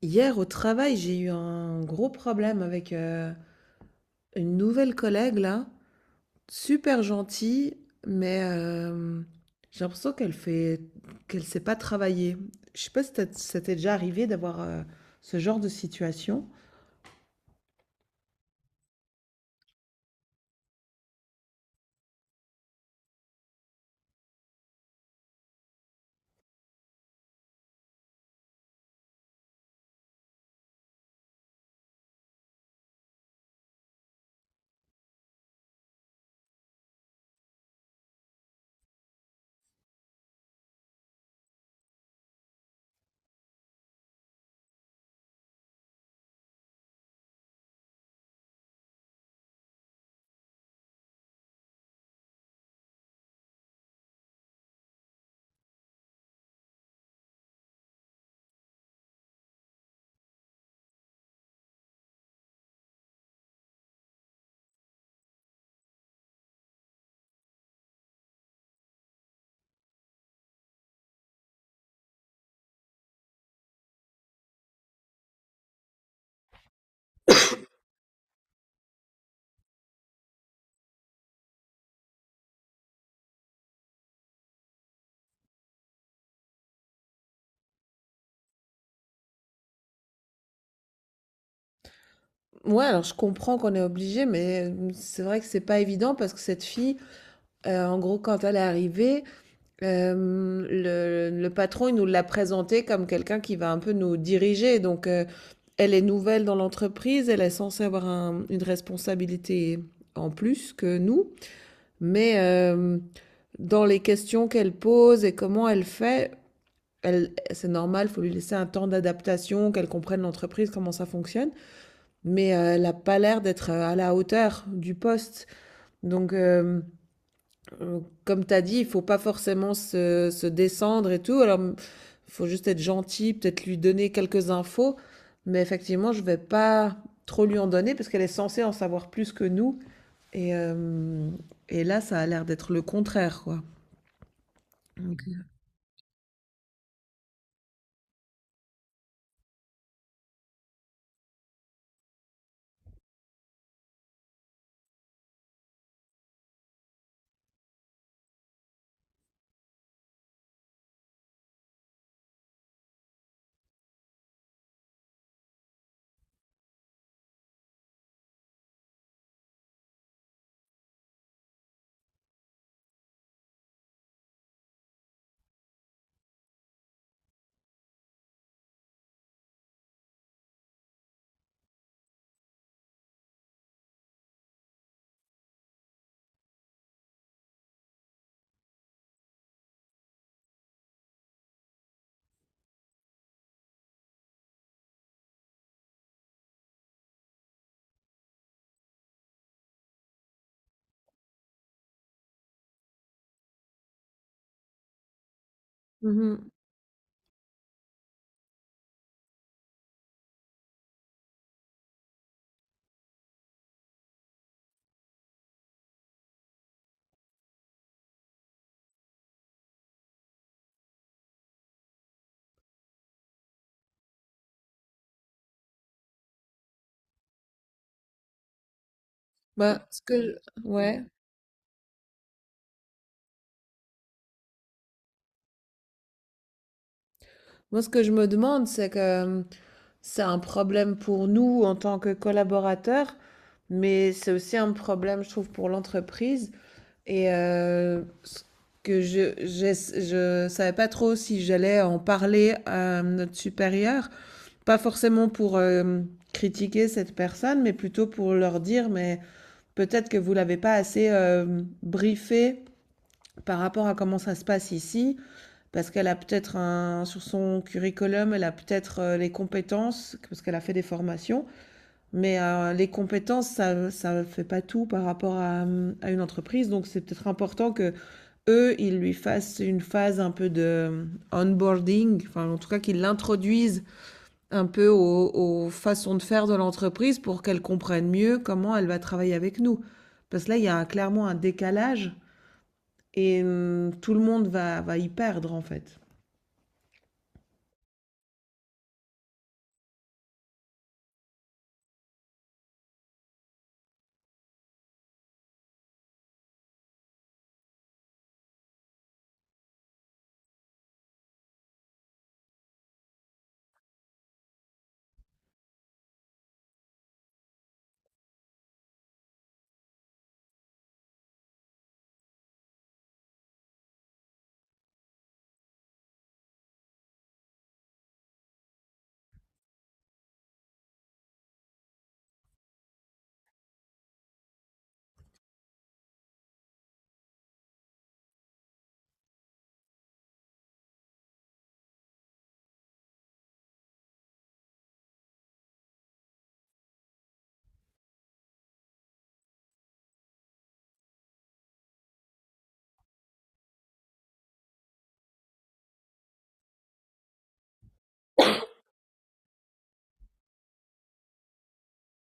Hier au travail, j'ai eu un gros problème avec une nouvelle collègue là, super gentille, mais j'ai l'impression qu'elle sait pas travailler. Je sais pas si ça t'est déjà arrivé d'avoir ce genre de situation. Ouais, alors je comprends qu'on est obligé, mais c'est vrai que c'est pas évident parce que cette fille, en gros, quand elle est arrivée, le patron il nous l'a présentée comme quelqu'un qui va un peu nous diriger, donc. Elle est nouvelle dans l'entreprise, elle est censée avoir une responsabilité en plus que nous, mais dans les questions qu'elle pose et comment elle fait, elle, c'est normal, il faut lui laisser un temps d'adaptation, qu'elle comprenne l'entreprise, comment ça fonctionne, mais elle n'a pas l'air d'être à la hauteur du poste. Donc, euh, comme tu as dit, il faut pas forcément se descendre et tout. Alors, il faut juste être gentil, peut-être lui donner quelques infos. Mais effectivement, je vais pas trop lui en donner parce qu'elle est censée en savoir plus que nous. Et et là, ça a l'air d'être le contraire, quoi. Donc, mhm. Bah, ouais, moi, ce que je me demande, c'est que c'est un problème pour nous en tant que collaborateurs, mais c'est aussi un problème, je trouve, pour l'entreprise. Et ce que je savais pas trop si j'allais en parler à notre supérieur, pas forcément pour critiquer cette personne, mais plutôt pour leur dire, mais peut-être que vous l'avez pas assez briefé par rapport à comment ça se passe ici, parce qu'elle a peut-être un, sur son curriculum, elle a peut-être les compétences, parce qu'elle a fait des formations, mais les compétences, ça ne fait pas tout par rapport à une entreprise, donc c'est peut-être important que eux, ils lui fassent une phase un peu de onboarding, enfin en tout cas qu'ils l'introduisent un peu aux, aux façons de faire de l'entreprise pour qu'elle comprenne mieux comment elle va travailler avec nous. Parce que là, il y a clairement un décalage et tout le monde va, va y perdre en fait.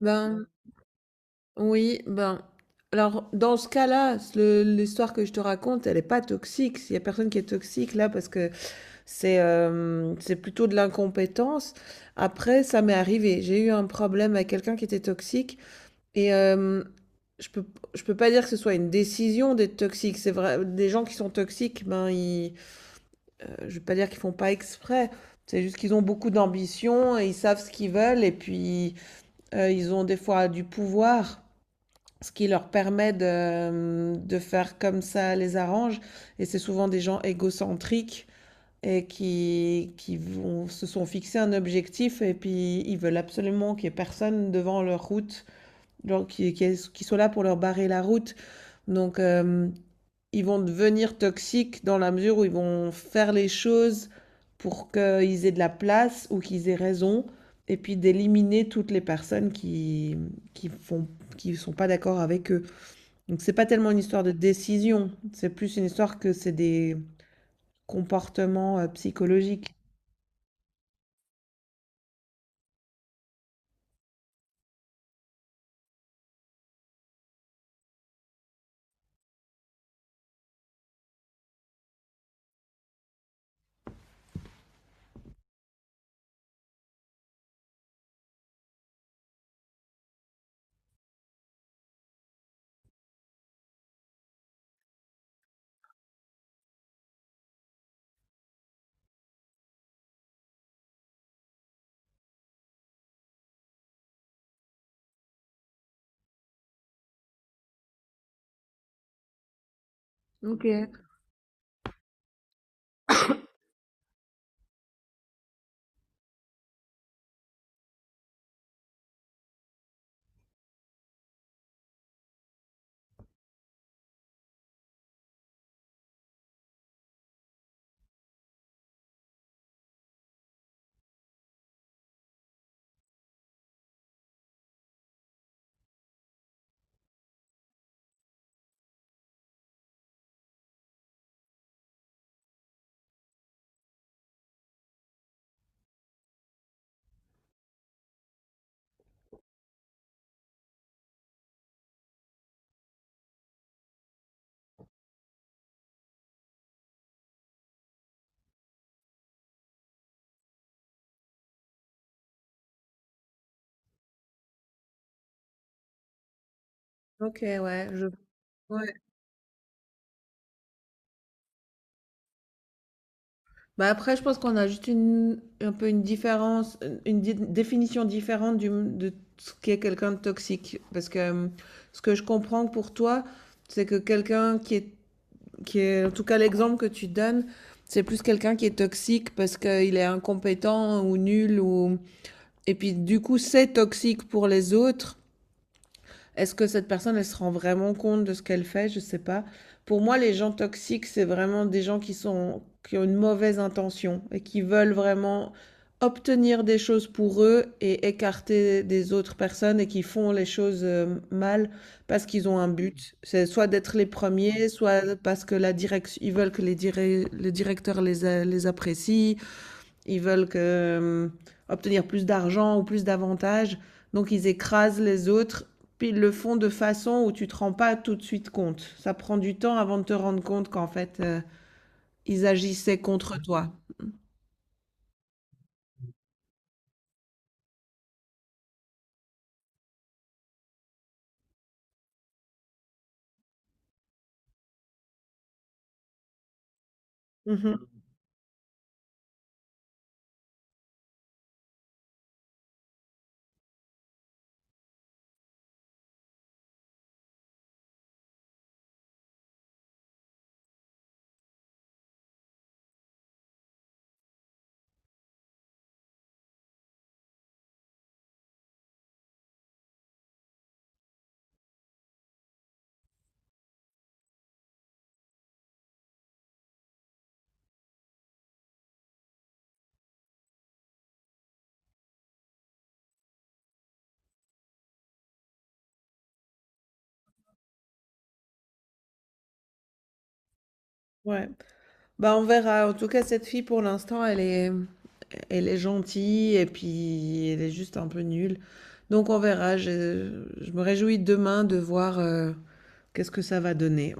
Ben oui, ben alors dans ce cas-là, l'histoire que je te raconte, elle n'est pas toxique. Il n'y a personne qui est toxique là parce que c'est hem, c'est plutôt de l'incompétence. Après, ça m'est arrivé. J'ai eu un problème avec quelqu'un qui était toxique et hem, je peux je peux pas dire que ce soit une décision d'être toxique. C'est vrai des gens qui sont toxiques, ben, ils, je vais pas dire qu'ils font pas exprès. C'est juste qu'ils ont beaucoup d'ambition et ils savent ce qu'ils veulent et puis, ils ont des fois du pouvoir, ce qui leur permet de faire comme ça les arrange et c'est souvent des gens égocentriques et se sont fixés un objectif et puis ils veulent absolument qu'il n'y ait personne devant leur route, genre qui soit là pour leur barrer la route. Donc ils vont devenir toxiques dans la mesure où ils vont faire les choses pour qu'ils aient de la place ou qu'ils aient raison et puis d'éliminer toutes les personnes qui font qui sont pas d'accord avec eux. Donc c'est pas tellement une histoire de décision, c'est plus une histoire que c'est des comportements psychologiques. Ok. OK, ouais, je ouais. Bah, après, je pense qu'on a juste une un peu une différence, une définition différente du de ce qu'est quelqu'un de toxique. Parce que ce que je comprends pour toi, c'est que quelqu'un qui est, en tout cas l'exemple que tu donnes, c'est plus quelqu'un qui est toxique parce qu'il est incompétent ou nul ou... et puis du coup, c'est toxique pour les autres. Est-ce que cette personne, elle se rend vraiment compte de ce qu'elle fait? Je sais pas. Pour moi, les gens toxiques, c'est vraiment des gens qui sont, qui ont une mauvaise intention et qui veulent vraiment obtenir des choses pour eux et écarter des autres personnes et qui font les choses mal parce qu'ils ont un but. C'est soit d'être les premiers, soit parce que la direction, ils veulent que les, les directeurs les, les apprécient, ils veulent que, obtenir plus d'argent ou plus d'avantages, donc ils écrasent les autres, puis ils le font de façon où tu ne te rends pas tout de suite compte. Ça prend du temps avant de te rendre compte qu'en fait, ils agissaient contre toi. Mhm. Ouais. Bah on verra. En tout cas, cette fille pour l'instant, elle est gentille et puis elle est juste un peu nulle. Donc on verra. Je me réjouis demain de voir qu'est-ce que ça va donner.